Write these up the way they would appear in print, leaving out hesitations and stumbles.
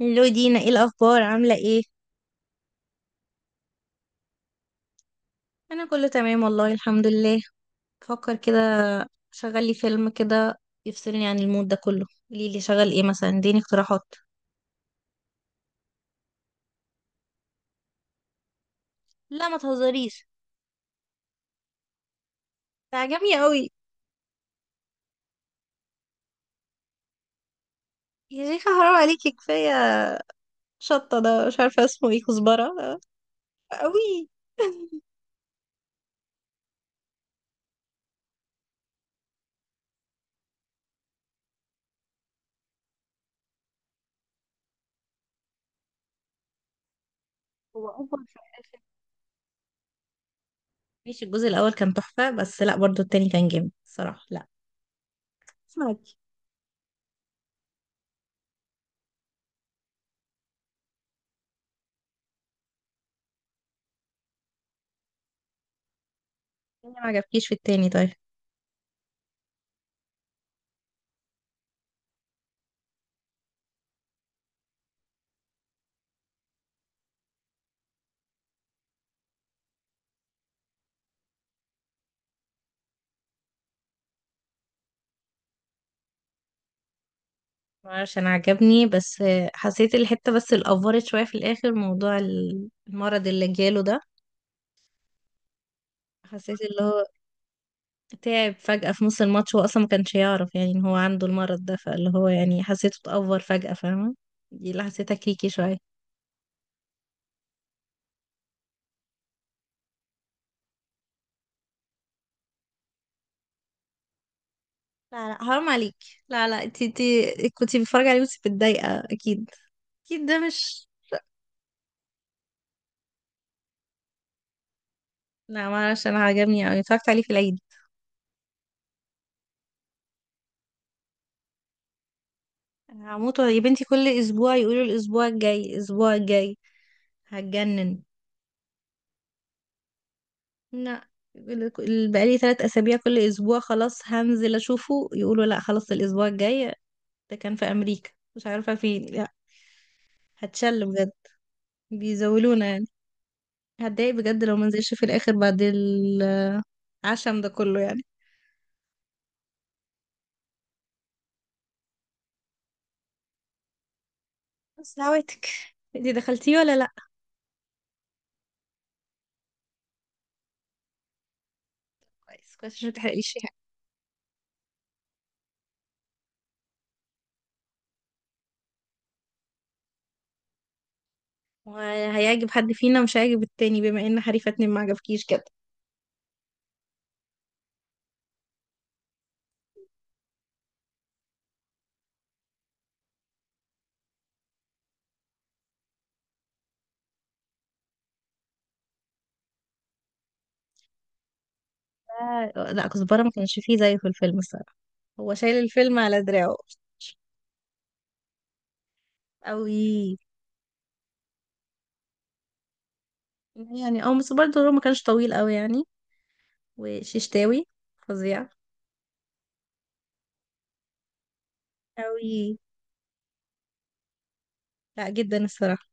لو دينا ايه الاخبار؟ عامله ايه؟ انا كله تمام، والله الحمد لله. بفكر كده. شغل لي فيلم كده يفصلني عن المود ده كله. قولي لي شغل ايه مثلا، اديني اقتراحات. لا ما تهزريش. ده عجبني قوي. يا شيخه حرام عليكي، كفايه. شطه ده مش عارفه اسمه ايه، كزبره. قوي. هو اوفر في الآخر. ماشي، الجزء الاول كان تحفه، بس لا برضو التاني كان جامد الصراحه. لا اسمعك. التاني ما عجبكيش في التاني؟ طيب. معرفش، انا عجبني بس. حسيت الحتة بس الأفورت شوية في الآخر، موضوع المرض اللي جاله ده. حسيت اللي هو تعب فجأة في نص الماتش، هو أصلا ما كانش يعرف يعني إن هو عنده المرض ده، فاللي هو يعني حسيته اتأفور فجأة، فاهمة؟ دي اللي حسيتها كيكي شوية. لا لا، حرام عليك. لا لا، انتي كنتي بتتفرجي عليه وانتي متضايقة أكيد. أكيد ده مش. لا معرفش، أنا عجبني أوي، اتفرجت عليه في العيد. هموت يا بنتي، كل أسبوع يقولوا الأسبوع الجاي الأسبوع الجاي، هتجنن. لا، بقالي 3 أسابيع كل أسبوع خلاص هنزل أشوفه، يقولوا لا خلاص الأسبوع الجاي. ده كان في أمريكا، مش عارفة فين. لا، هتشل بجد، بيزولونا يعني. هتضايق بجد لو منزلش في الآخر، بعد العشم ده كله يعني. بس دعواتك. انتي دخلتيه ولا لا؟ كويس كويس، عشان متحرقليش فيه حاجة. وهيعجب حد فينا مش هيعجب التاني، بما ان حريفة اتنين ما عجبكيش كده. لا، كزبرة ما كانش فيه زيه في الفيلم الصراحة. هو شايل الفيلم على دراعه. قوي يعني. او بس برضه هو ما كانش طويل قوي يعني. وششتاوي فظيع قوي. لا جدا الصراحة.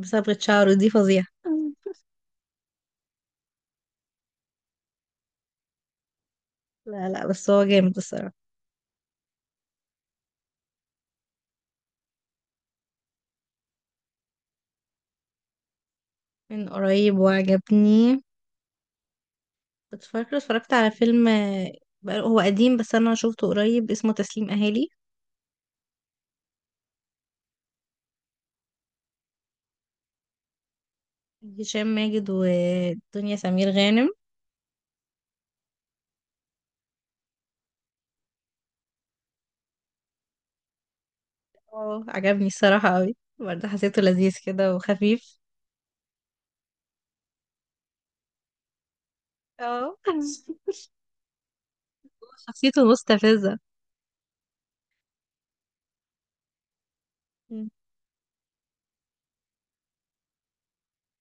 بصبغة شعره دي فظيعة. لا لا، بس هو جامد الصراحة. من قريب وعجبني. كنت فاكرة اتفرجت على فيلم، هو قديم بس أنا شوفته قريب، اسمه تسليم أهالي. هشام ماجد ودنيا سمير غانم. اه، عجبني الصراحة قوي برضه، حسيته لذيذ كده وخفيف. اه. شخصيته مستفزة.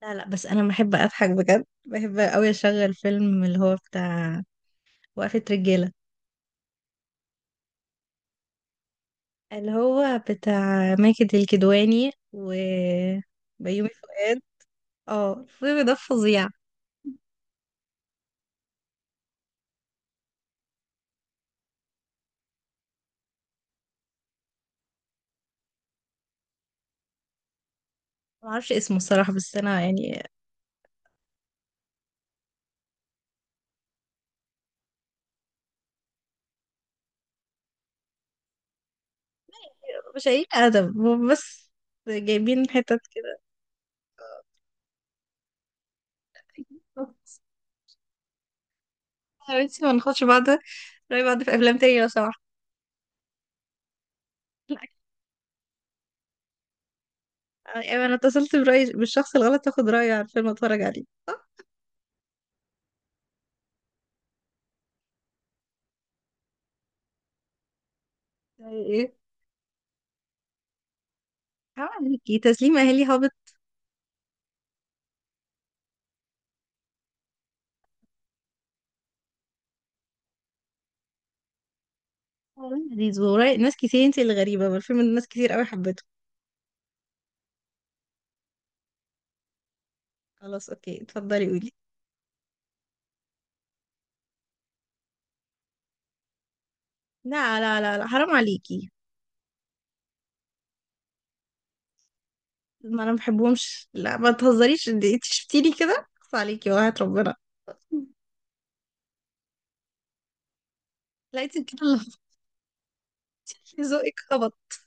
لا لا، بس انا بحب اضحك بجد، بحب قوي اشغل فيلم اللي هو بتاع وقفة رجالة. اللي هو بتاع ماجد الكدواني و بيومي فؤاد. اه الفيلم ده فظيع. ما اعرفش اسمه الصراحة، بس انا يعني مش قايل ادب هم، بس جايبين حتت كده. يا بنتي، ما ناخدش بعض رأي بعض في افلام تانية لو سمحت. يعني انا اتصلت برأي بالشخص الغلط، اخد رأيه على الفيلم اتفرج عليه. زي ايه؟ عمل هيكي تسليم اهلي هابط؟ والله لذيذ، وراي ناس كتير انت اللي غريبة، ما الفيلم ده ناس كتير قوي حبته. خلاص اوكي، اتفضلي قولي. لا لا لا لا، حرام عليكي. ما انا ما بحبهمش، لا ما تهزريش، انت شفتيني كده خلاص عليكي، وقعت ربنا. لا انت كده. ذوقك خبط.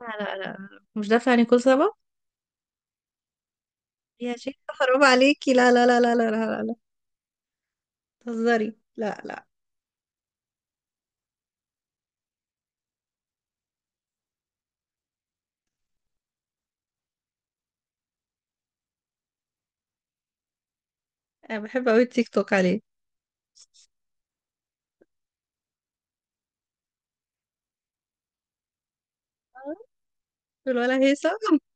لا لا لا، مش دافع عن كل سبب. يا شيخة حرام عليكي، لا لا لا لا لا لا لا لا تهزري، لا لا. انا بحب قوي التيك توك عليه. الولا هيثم.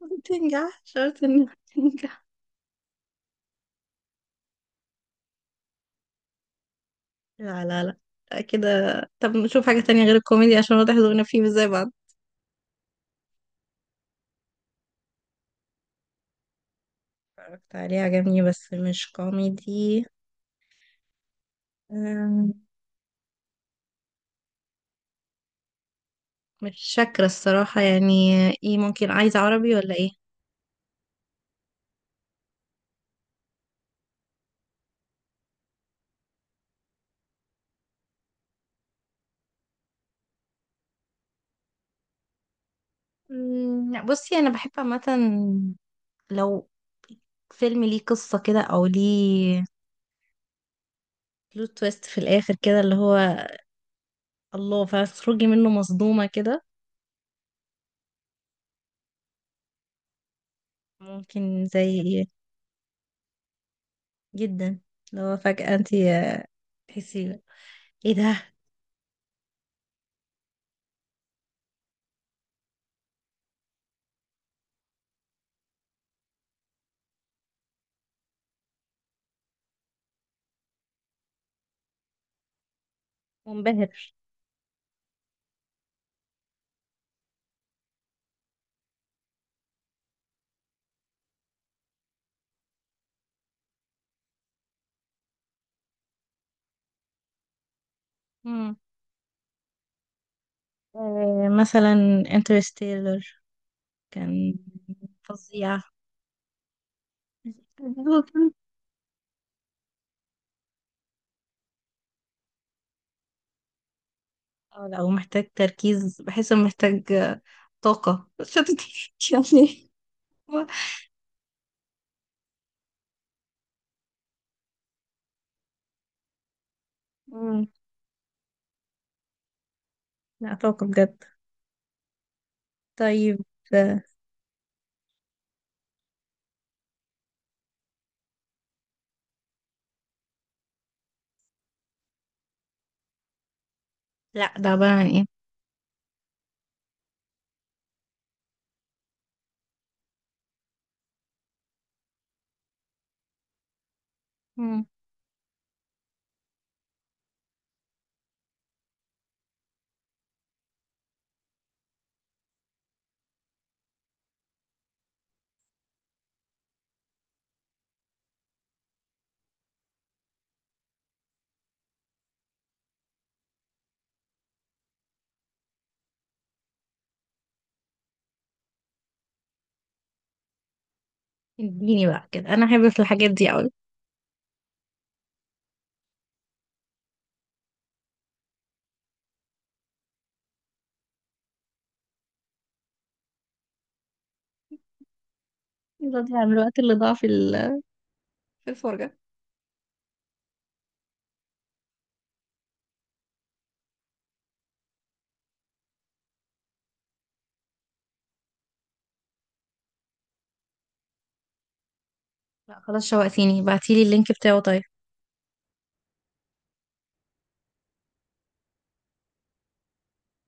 ما تنجح شرط انها تنجح. لا لا لا، لا كده. طب نشوف حاجة تانية غير الكوميدي، عشان واضح ذوقنا فيه مش زي بعض. اتفرجت عليه عجبني بس مش كوميدي. أم، مش فاكرة الصراحة يعني. ايه ممكن عايزة عربي ولا ايه؟ لا، بصي انا بحب عامة لو فيلم ليه قصة كده او ليه بلوت تويست في الاخر كده، اللي هو الله، فتخرجي منه مصدومة كده. ممكن زي ايه؟ جدا. اللي هو فجأة انتي تحسي ايه ده. منبهر. مثلا انترستيلر. كان فظيع. اه لا، ومحتاج تركيز، بحس انه محتاج طاقة شدت يعني. مم. لا طاقة بجد. طيب. آه. لا، ده عبارة عن ايه؟ مم. اديني بقى كده، انا احب في الحاجات دي قوي. يضيع من الوقت اللي ضاع في في الفرجة. لا خلاص شوقتيني، بعتيلي اللينك بتاعه طيب.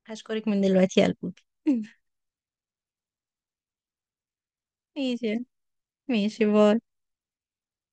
هشكرك من دلوقتي يا قلبي. ماشي، ماشي، باي.